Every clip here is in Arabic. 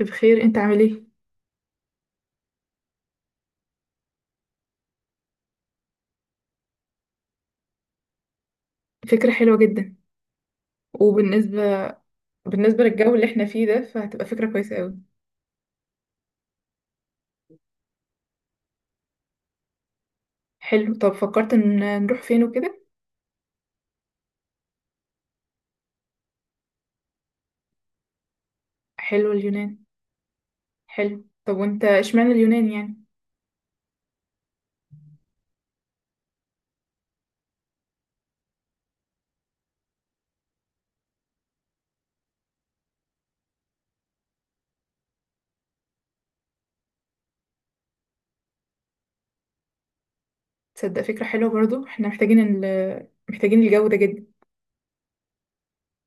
بخير، انت عامل ايه؟ فكرة حلوة جدا. وبالنسبة للجو اللي احنا فيه ده فهتبقى فكرة كويسة قوي. حلو. طب فكرت ان نروح فين وكده؟ حلو اليونان. حلو. طب وانت اشمعنى اليونان يعني؟ تصدق فكرة حلوة برضو، احنا محتاجين محتاجين الجو ده جدا.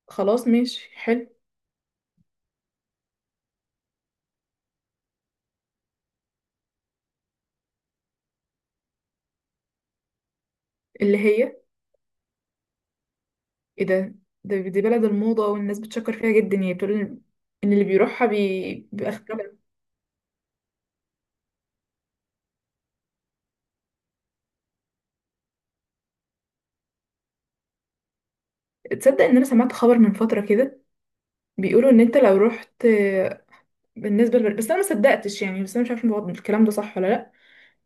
خلاص ماشي حلو. اللي هي ايه ده؟ دي بلد الموضة والناس بتشكر فيها جدا، يعني بتقول ان اللي بيروحها بيبقى اختراع. تصدق ان انا سمعت خبر من فترة كده؟ بيقولوا ان انت لو رحت بس انا ما صدقتش يعني، بس انا مش عارفه الكلام ده صح ولا لا.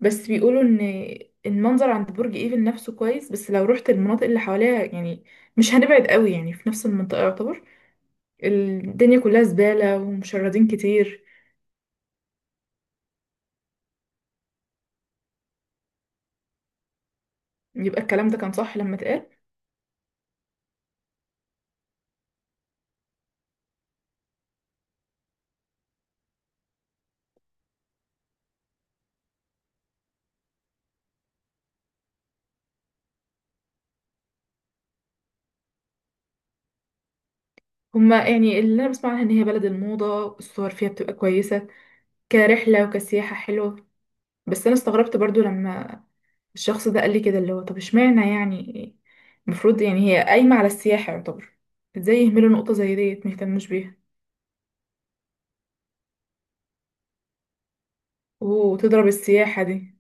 بس بيقولوا ان المنظر عند برج ايفل نفسه كويس، بس لو رحت المناطق اللي حواليها يعني مش هنبعد قوي، يعني في نفس المنطقه يعتبر الدنيا كلها زباله ومشردين كتير. يبقى الكلام ده كان صح لما اتقال. هما يعني اللي انا بسمع عنها ان هي بلد الموضه، الصور فيها بتبقى كويسه كرحله وكسياحه حلوه. بس انا استغربت برضو لما الشخص ده قال لي كده، اللي هو طب اشمعنى يعني؟ المفروض يعني هي قايمة على السياحة يعتبر. ازاي يهملوا نقطة زي ديت ميهتموش بيها وتضرب السياحة دي.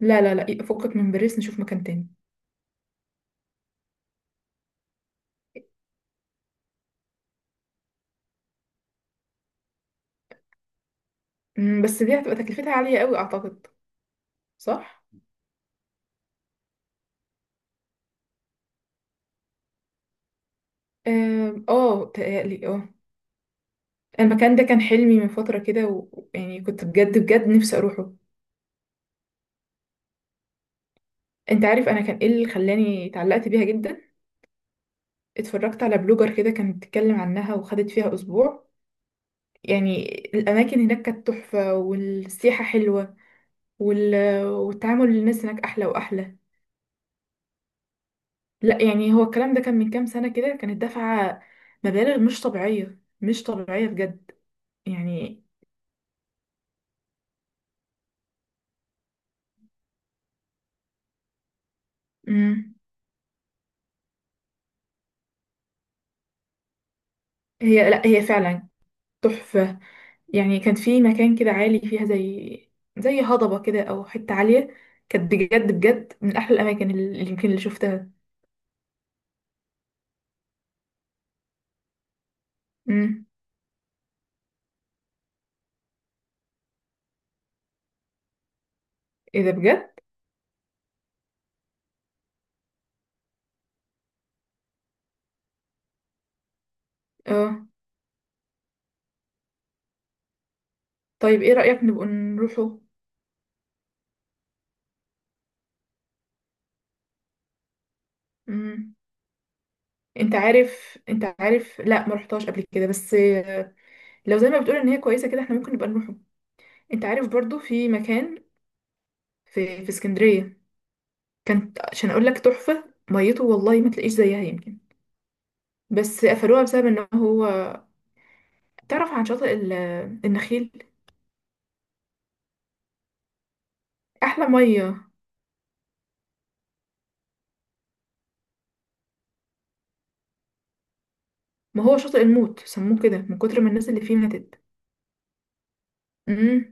لا لا لا، فكك من باريس، نشوف مكان تاني. أمم، بس دي هتبقى تكلفتها عالية قوي اعتقد. صح. آم، اه تقالي اه. المكان ده كان حلمي من فترة كده ويعني كنت بجد بجد نفسي اروحه. انت عارف انا كان ايه اللي خلاني اتعلقت بيها جدا؟ اتفرجت على بلوجر كده كانت بتتكلم عنها وخدت فيها اسبوع، يعني الأماكن هناك كانت تحفة والسياحة حلوة وال... والتعامل الناس هناك أحلى وأحلى. لا يعني هو الكلام ده كان من كام سنة كده، كانت دافعة مبالغ مش طبيعية، مش طبيعية بجد يعني. مم. هي لا، هي فعلا تحفة. يعني كان في مكان كده عالي فيها، زي زي هضبة كده أو حتة عالية. كانت بجد بجد من أحلى الأماكن اللي يمكن اللي شفتها. مم. إيه ده بجد؟ اه. طيب إيه رأيك نبقى نروحه؟ مم. انت عارف لا ما رحتهاش قبل كده بس لو زي ما بتقول ان هي كويسه كده احنا ممكن نبقى نروحه. انت عارف برضو في مكان في اسكندريه كانت، عشان اقول لك تحفه ميته، والله ما تلاقيش زيها يمكن، بس قفلوها بسبب ان هو تعرف عن شاطئ النخيل؟ احلى ميه. ما هو شاطئ الموت، سموه كده من كتر ما الناس اللي فيه ماتت. امم.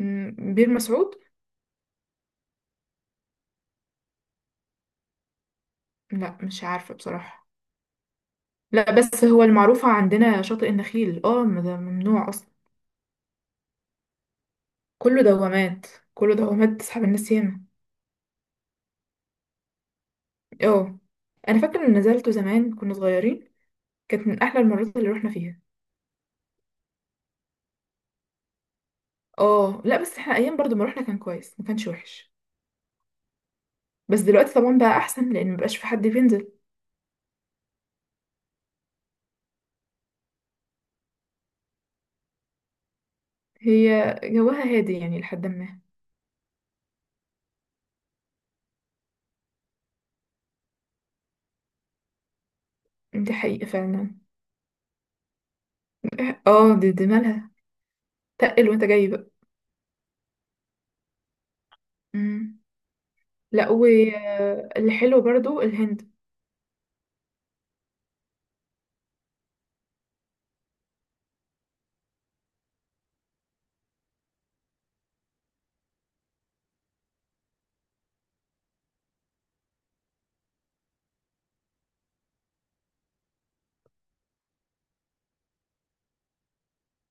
أمم، بير مسعود؟ لا مش عارفه بصراحه. لا بس هو المعروفه عندنا شاطئ النخيل، اه، ما ده ممنوع. كله دوامات، كله دوامات تسحب الناس ياما. اه. انا فاكره ان نزلته زمان كنا صغيرين، كانت من احلى المرات اللي روحنا فيها. اه لا بس احنا ايام برضو ما روحنا كان كويس، ما كانش وحش. بس دلوقتي طبعا بقى احسن لان مبقاش في حد بينزل. هي جواها هادي يعني لحد ما. دي حقيقه فعلا. اه، دي دي مالها، تقل وانت جاي بقى. مم. لا، واللي حلو برضو الهند.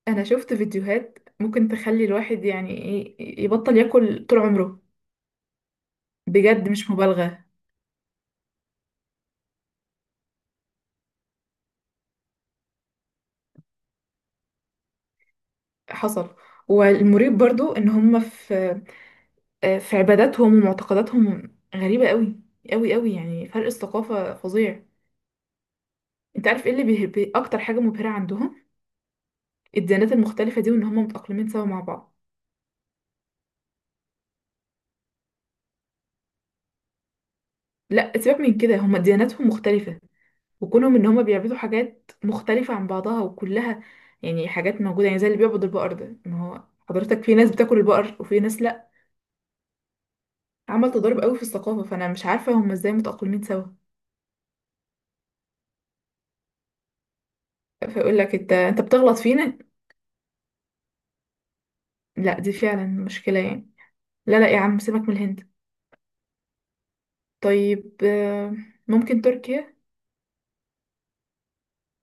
انا شفت فيديوهات ممكن تخلي الواحد يعني ايه يبطل ياكل طول عمره. بجد مش مبالغه. حصل. والمريب برضو ان هم في في عباداتهم ومعتقداتهم غريبة قوي قوي قوي، يعني فرق الثقافة فظيع. انت عارف ايه اللي اكتر حاجة مبهرة عندهم؟ الديانات المختلفة دي وان هم متأقلمين سوا مع بعض. لا سيبك من كده، هم دياناتهم مختلفة، وكونهم ان هم بيعبدوا حاجات مختلفة عن بعضها وكلها يعني حاجات موجودة، يعني زي اللي بيعبد البقر ده، ما هو حضرتك في ناس بتاكل البقر وفي ناس لا. عمل تضارب قوي في الثقافة، فانا مش عارفة هم ازاي متأقلمين سوا. فيقول لك انت بتغلط فينا. لا دي فعلا مشكلة يعني. لا لا يا عم، سيبك من الهند. طيب آه، ممكن تركيا.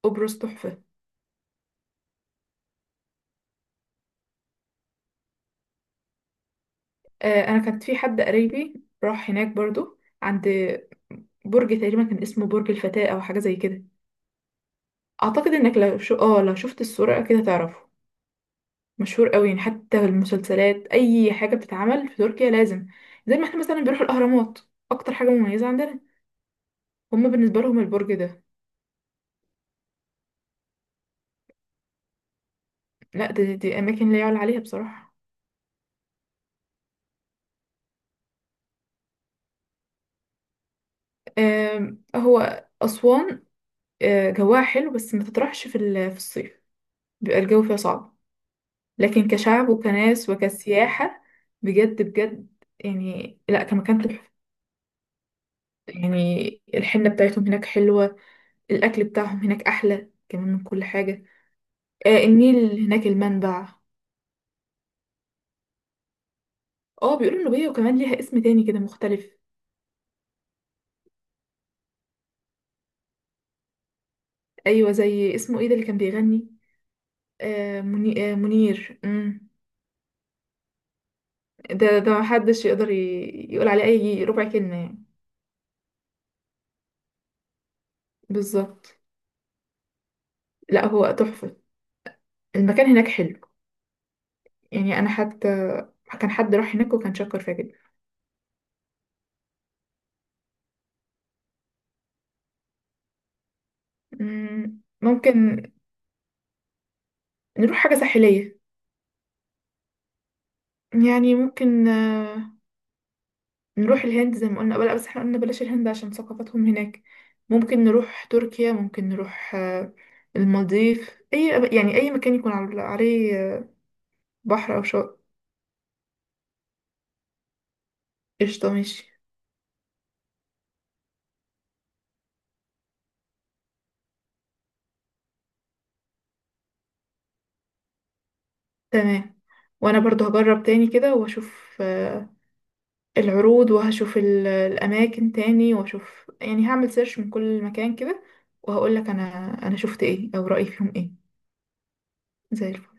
قبرص تحفة. آه، أنا كانت في حد قريبي راح هناك برضو، عند برج تقريبا كان اسمه برج الفتاة أو حاجة زي كده. أعتقد إنك لو شو آه لو شفت الصورة كده تعرفه. مشهور قوي، يعني حتى المسلسلات أي حاجة بتتعمل في تركيا لازم زي ما احنا مثلا بنروح الأهرامات، أكتر حاجة مميزة عندنا. هما بالنسبة لهم البرج ده. لا دي, دي أماكن لا يعلى عليها بصراحة. آم، هو أسوان آه، جواها حلو بس ما تطرحش في في الصيف، بيبقى الجو فيها صعب. لكن كشعب وكناس وكسياحة بجد بجد، يعني لا كمكان تحفة. يعني الحنة بتاعتهم هناك حلوة، الأكل بتاعهم هناك أحلى كمان من كل حاجة. آه النيل هناك المنبع. اه بيقولوا النوبية، وكمان ليها اسم تاني كده مختلف. أيوة زي اسمه ايه ده اللي كان بيغني؟ آه منير. مم. ده ده محدش يقدر يقول عليه أي ربع كلمة يعني. بالظبط. لا هو تحفة، المكان هناك حلو. يعني انا حتى كان حد راح هناك وكان شكر فيها جدا. مم، ممكن نروح حاجة ساحلية. يعني ممكن آه، نروح الهند زي ما قلنا، بلا بس احنا قلنا بلاش الهند عشان ثقافتهم هناك. ممكن نروح تركيا، ممكن نروح آه، المالديف، اي يعني اي مكان يكون عليه آه، بحر او شاطئ. قشطة ماشي. تمام. وانا برضو هجرب تاني كده واشوف آه، العروض، وهشوف الأماكن تاني وأشوف، يعني هعمل سيرش من كل مكان كده وهقولك أنا، أنا شفت إيه أو رأيي فيهم إيه. زي الفل.